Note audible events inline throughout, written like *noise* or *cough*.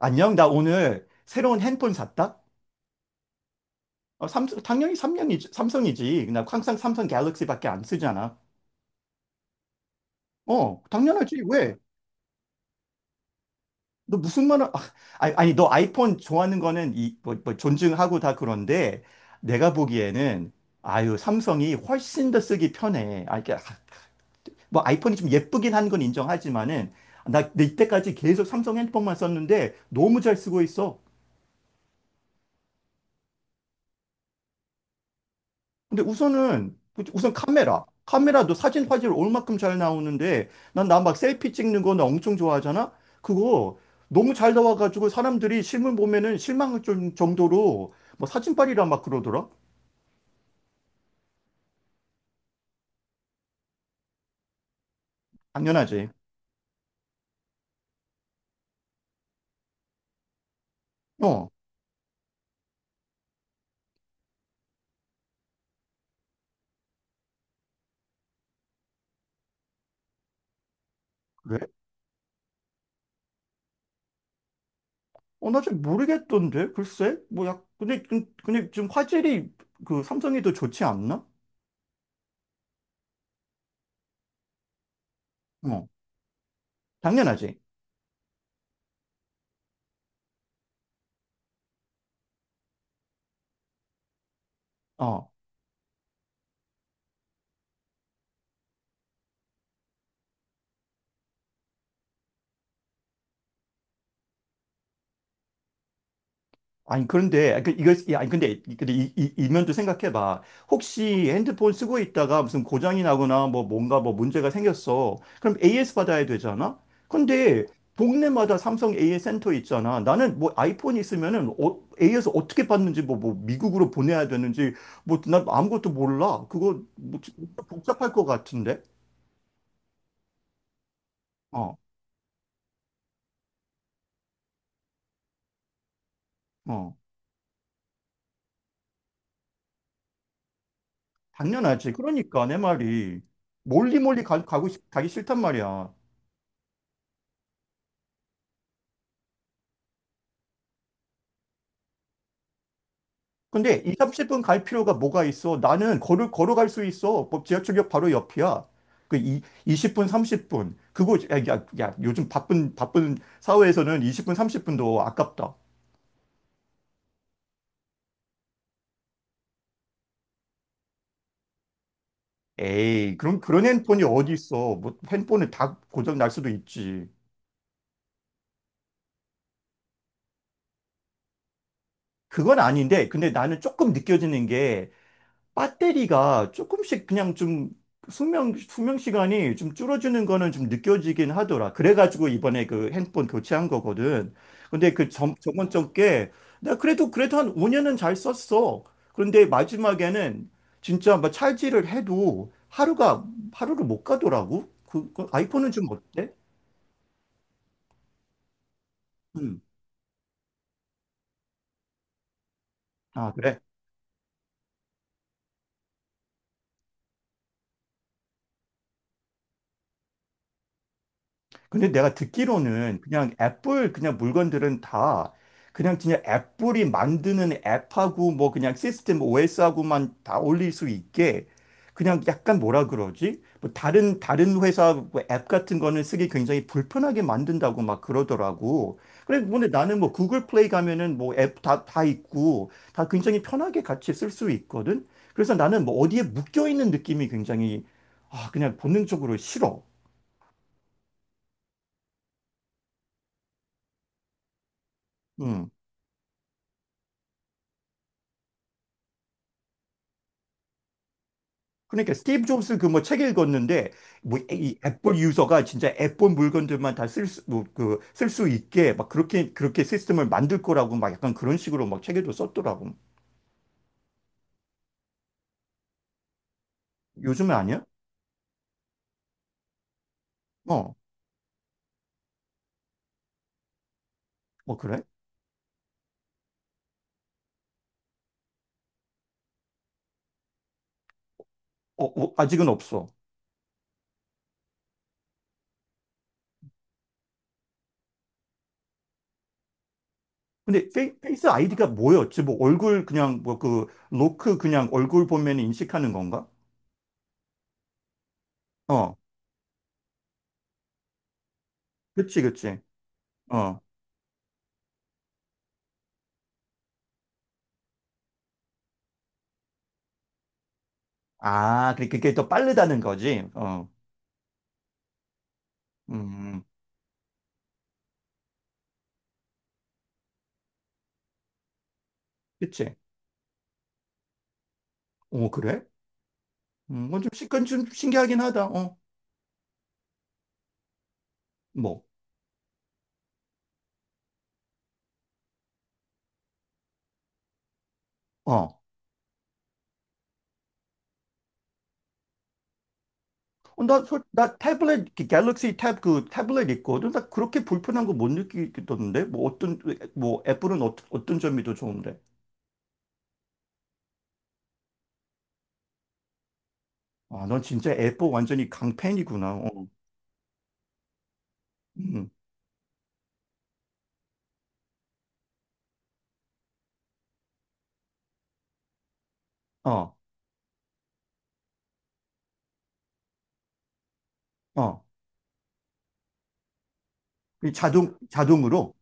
안녕, 나 오늘 새로운 핸폰 샀다? 삼성, 당연히 삼성이지. 삼성이지. 나 항상 삼성 갤럭시밖에 안 쓰잖아. 당연하지. 왜? 너 무슨 말을, 아니, 아니, 너 아이폰 좋아하는 거는 뭐, 존중하고 다 그런데 내가 보기에는 아유, 삼성이 훨씬 더 쓰기 편해. 뭐 아이폰이 좀 예쁘긴 한 건 인정하지만은 나 이때까지 계속 삼성 핸드폰만 썼는데 너무 잘 쓰고 있어. 근데 우선은 우선 카메라도 사진 화질 올만큼 잘 나오는데 난 나 막 셀피 찍는 거 나 엄청 좋아하잖아. 그거 너무 잘 나와가지고 사람들이 실물 보면은 정도로 뭐 사진빨이라 막 그러더라. 당연하지. 어, 그래. 어, 나 잘 모르겠던데. 글쎄 뭐야, 근데 근데 지금 화질이 그 삼성이 더 좋지 않나? 어, 당연하지. 어. 아니 그런데 그 이거 아니 근데 이 면도 생각해봐. 혹시 핸드폰 쓰고 있다가 무슨 고장이 나거나 뭐 문제가 생겼어. 그럼 AS 받아야 되잖아. 근데 동네마다 삼성 AS 센터 있잖아. 나는 뭐 아이폰이 있으면은 AS 어떻게 받는지 뭐 미국으로 보내야 되는지 뭐난 아무것도 몰라. 그거 뭐 진짜 복잡할 것 같은데. 어, 어, 당연하지. 그러니까 내 말이 멀리 가기 싫단 말이야. 근데 2, 30분 갈 필요가 뭐가 있어? 나는 걸어갈 수 있어. 뭐 지하철역 바로 옆이야. 그 이, 20분, 30분. 그거, 야, 요즘 바쁜 사회에서는 20분, 30분도 아깝다. 에이, 그런 핸폰이 어디 있어. 뭐 핸폰은 다 고장 날 수도 있지. 그건 아닌데, 근데 나는 조금 느껴지는 게 배터리가 조금씩 그냥 좀 수명 시간이 좀 줄어드는 거는 좀 느껴지긴 하더라. 그래가지고 이번에 그 핸드폰 교체한 거거든. 근데 그 전, 저번 적게 나 그래도 한 5년은 잘 썼어. 그런데 마지막에는 진짜 막 찰지를 해도 하루가 하루를 못 가더라고. 그 아이폰은 좀 어때? 음. 아, 그래? 근데 내가 듣기로는 그냥 애플 그냥 물건들은 다 그냥 진짜 애플이 만드는 앱하고 뭐 그냥 시스템 OS하고만 다 올릴 수 있게 그냥 약간 뭐라 그러지? 뭐 다른 회사 뭐앱 같은 거는 쓰기 굉장히 불편하게 만든다고 막 그러더라고. 그래 근데 나는 뭐 구글 플레이 가면은 뭐 앱 다 있고 다 굉장히 편하게 같이 쓸 수 있거든. 그래서 나는 뭐 어디에 묶여 있는 느낌이 굉장히, 아 그냥 본능적으로 싫어. 응. 그러니까 스티브 잡스 그 뭐 책 읽었는데 뭐 이 애플 유저가 진짜 애플 물건들만 다 쓸 수 뭐 그 쓸 수 있게 막 그렇게 시스템을 만들 거라고 막 약간 그런 식으로 막 책에도 썼더라고. 요즘에 아니야? 어, 어 그래? 아직은 없어. 근데 페이스 아이디가 뭐였지? 뭐 얼굴 그냥 뭐 그 로크 그냥 얼굴 보면 인식하는 건가? 어, 그치. 어, 아 그게 더 빠르다는 거지. 어, 음, 그치. 오 그래? 그건 좀 신기하긴 하다. 어, 뭐, 어. 어, 나 그 갤럭시 탭, 그 태블릿 있거든. 나 그렇게 불편한 거 못 느끼겠던데? 뭐, 어떤, 뭐, 애플은 어떤 점이 더 좋은데? 아, 넌 진짜 애플 완전히 강팬이구나. 어, 음, 어, 어. 이 자동으로?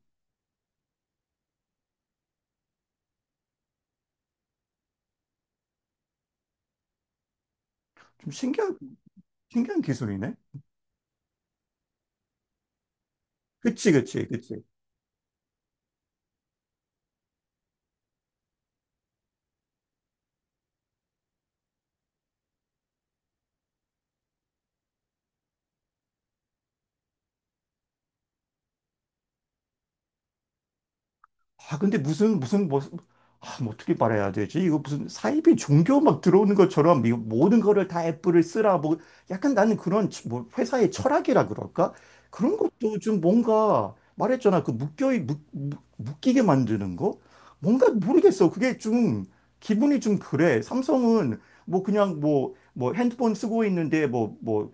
좀 신기한 기술이네? 그치. 아, 근데 아, 뭐 어떻게 말해야 되지? 이거 무슨 사이비 종교 막 들어오는 것처럼 이 모든 거를 다 애플을 쓰라. 뭐, 약간 나는 뭐, 회사의 철학이라 그럴까? 그런 것도 좀 뭔가, 말했잖아. 그 묶이게 만드는 거? 뭔가 모르겠어. 그게 좀, 기분이 좀 그래. 삼성은 뭐 그냥 뭐 핸드폰 쓰고 있는데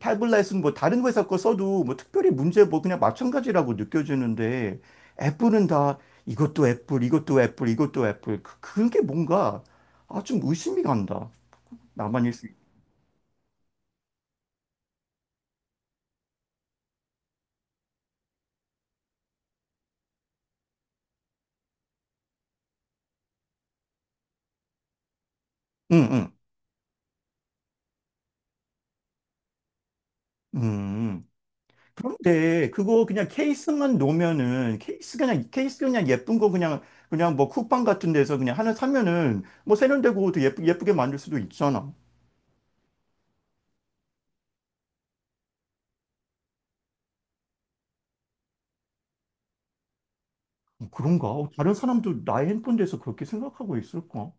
타블렛은 뭐 다른 회사 거 써도 뭐 특별히 문제 뭐 그냥 마찬가지라고 느껴지는데 애플은 다 이것도 애플, 이것도 애플, 이것도 애플. 그게 뭔가, 아, 좀 의심이 간다. 나만일 수 있... 응, 응, 음. 그런데 그거 그냥 케이스만 놓으면은 케이스 그냥 예쁜 거 그냥, 그냥 뭐 쿠팡 같은 데서 그냥 하나 사면은 뭐 세련되고 또 예쁘게 만들 수도 있잖아. 어, 그런가? 어, 다른 사람도 나의 핸폰 대해서 그렇게 생각하고 있을까?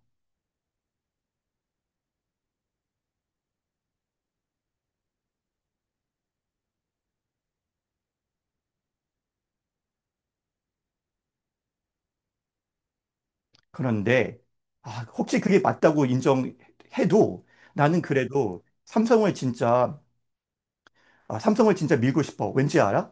그런데 아, 혹시 그게 맞다고 인정해도 나는 그래도 삼성을 진짜, 아, 삼성을 진짜 밀고 싶어. 왠지 알아?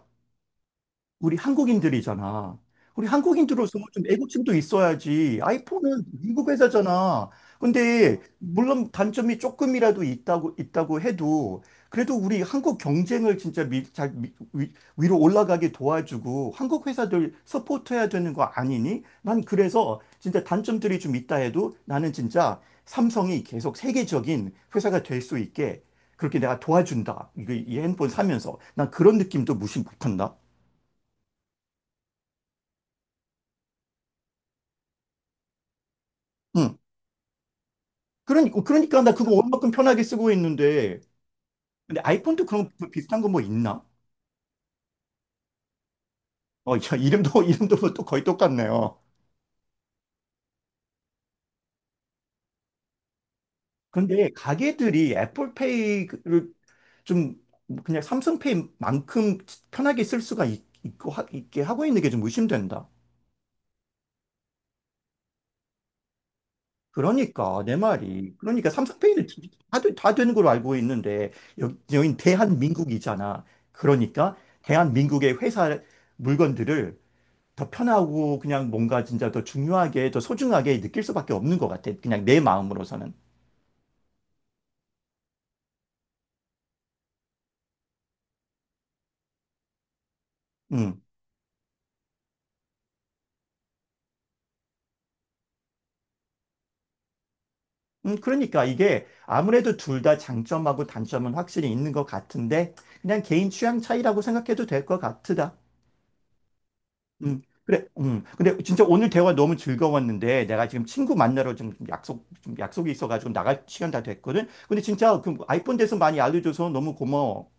우리 한국인들이잖아. 우리 한국인들로서 좀 애국심도 있어야지. 아이폰은 미국 회사잖아. 근데 물론 단점이 조금이라도 있다고 해도 그래도 우리 한국 경쟁을 진짜 미, 잘 미, 위, 위로 올라가게 도와주고 한국 회사들 서포트해야 되는 거 아니니? 난 그래서 진짜 단점들이 좀 있다 해도 나는 진짜 삼성이 계속 세계적인 회사가 될 수 있게 그렇게 내가 도와준다. 이거 이 핸폰 사면서 난 그런 느낌도 무시 못한다. 응. 그러니까 나 그거 얼마큼 편하게 쓰고 있는데. 근데 아이폰도 그런 거 비슷한 거 뭐 있나? 어, 야, *laughs* 이름도 뭐또 거의 똑같네요. 근데 가게들이 애플페이를 좀 그냥 삼성페이만큼 편하게 쓸 수가 있, 고 하, 있게 하고 있는 게 좀 의심된다. 그러니까 내 말이, 그러니까 삼성페이는 다 되는 걸로 알고 있는데 여긴 대한민국이잖아. 그러니까 대한민국의 회사 물건들을 더 편하고 그냥 뭔가 진짜 더 중요하게, 더 소중하게 느낄 수밖에 없는 것 같아. 그냥 내 마음으로서는. 음. 그러니까 이게 아무래도 둘 다 장점하고 단점은 확실히 있는 것 같은데, 그냥 개인 취향 차이라고 생각해도 될 것 같다. 그래. 음. 근데 진짜 오늘 대화 너무 즐거웠는데, 내가 지금 친구 만나러 좀 좀 약속이 있어가지고 나갈 시간 다 됐거든? 근데 진짜 그 아이폰 대해서 많이 알려줘서 너무 고마워.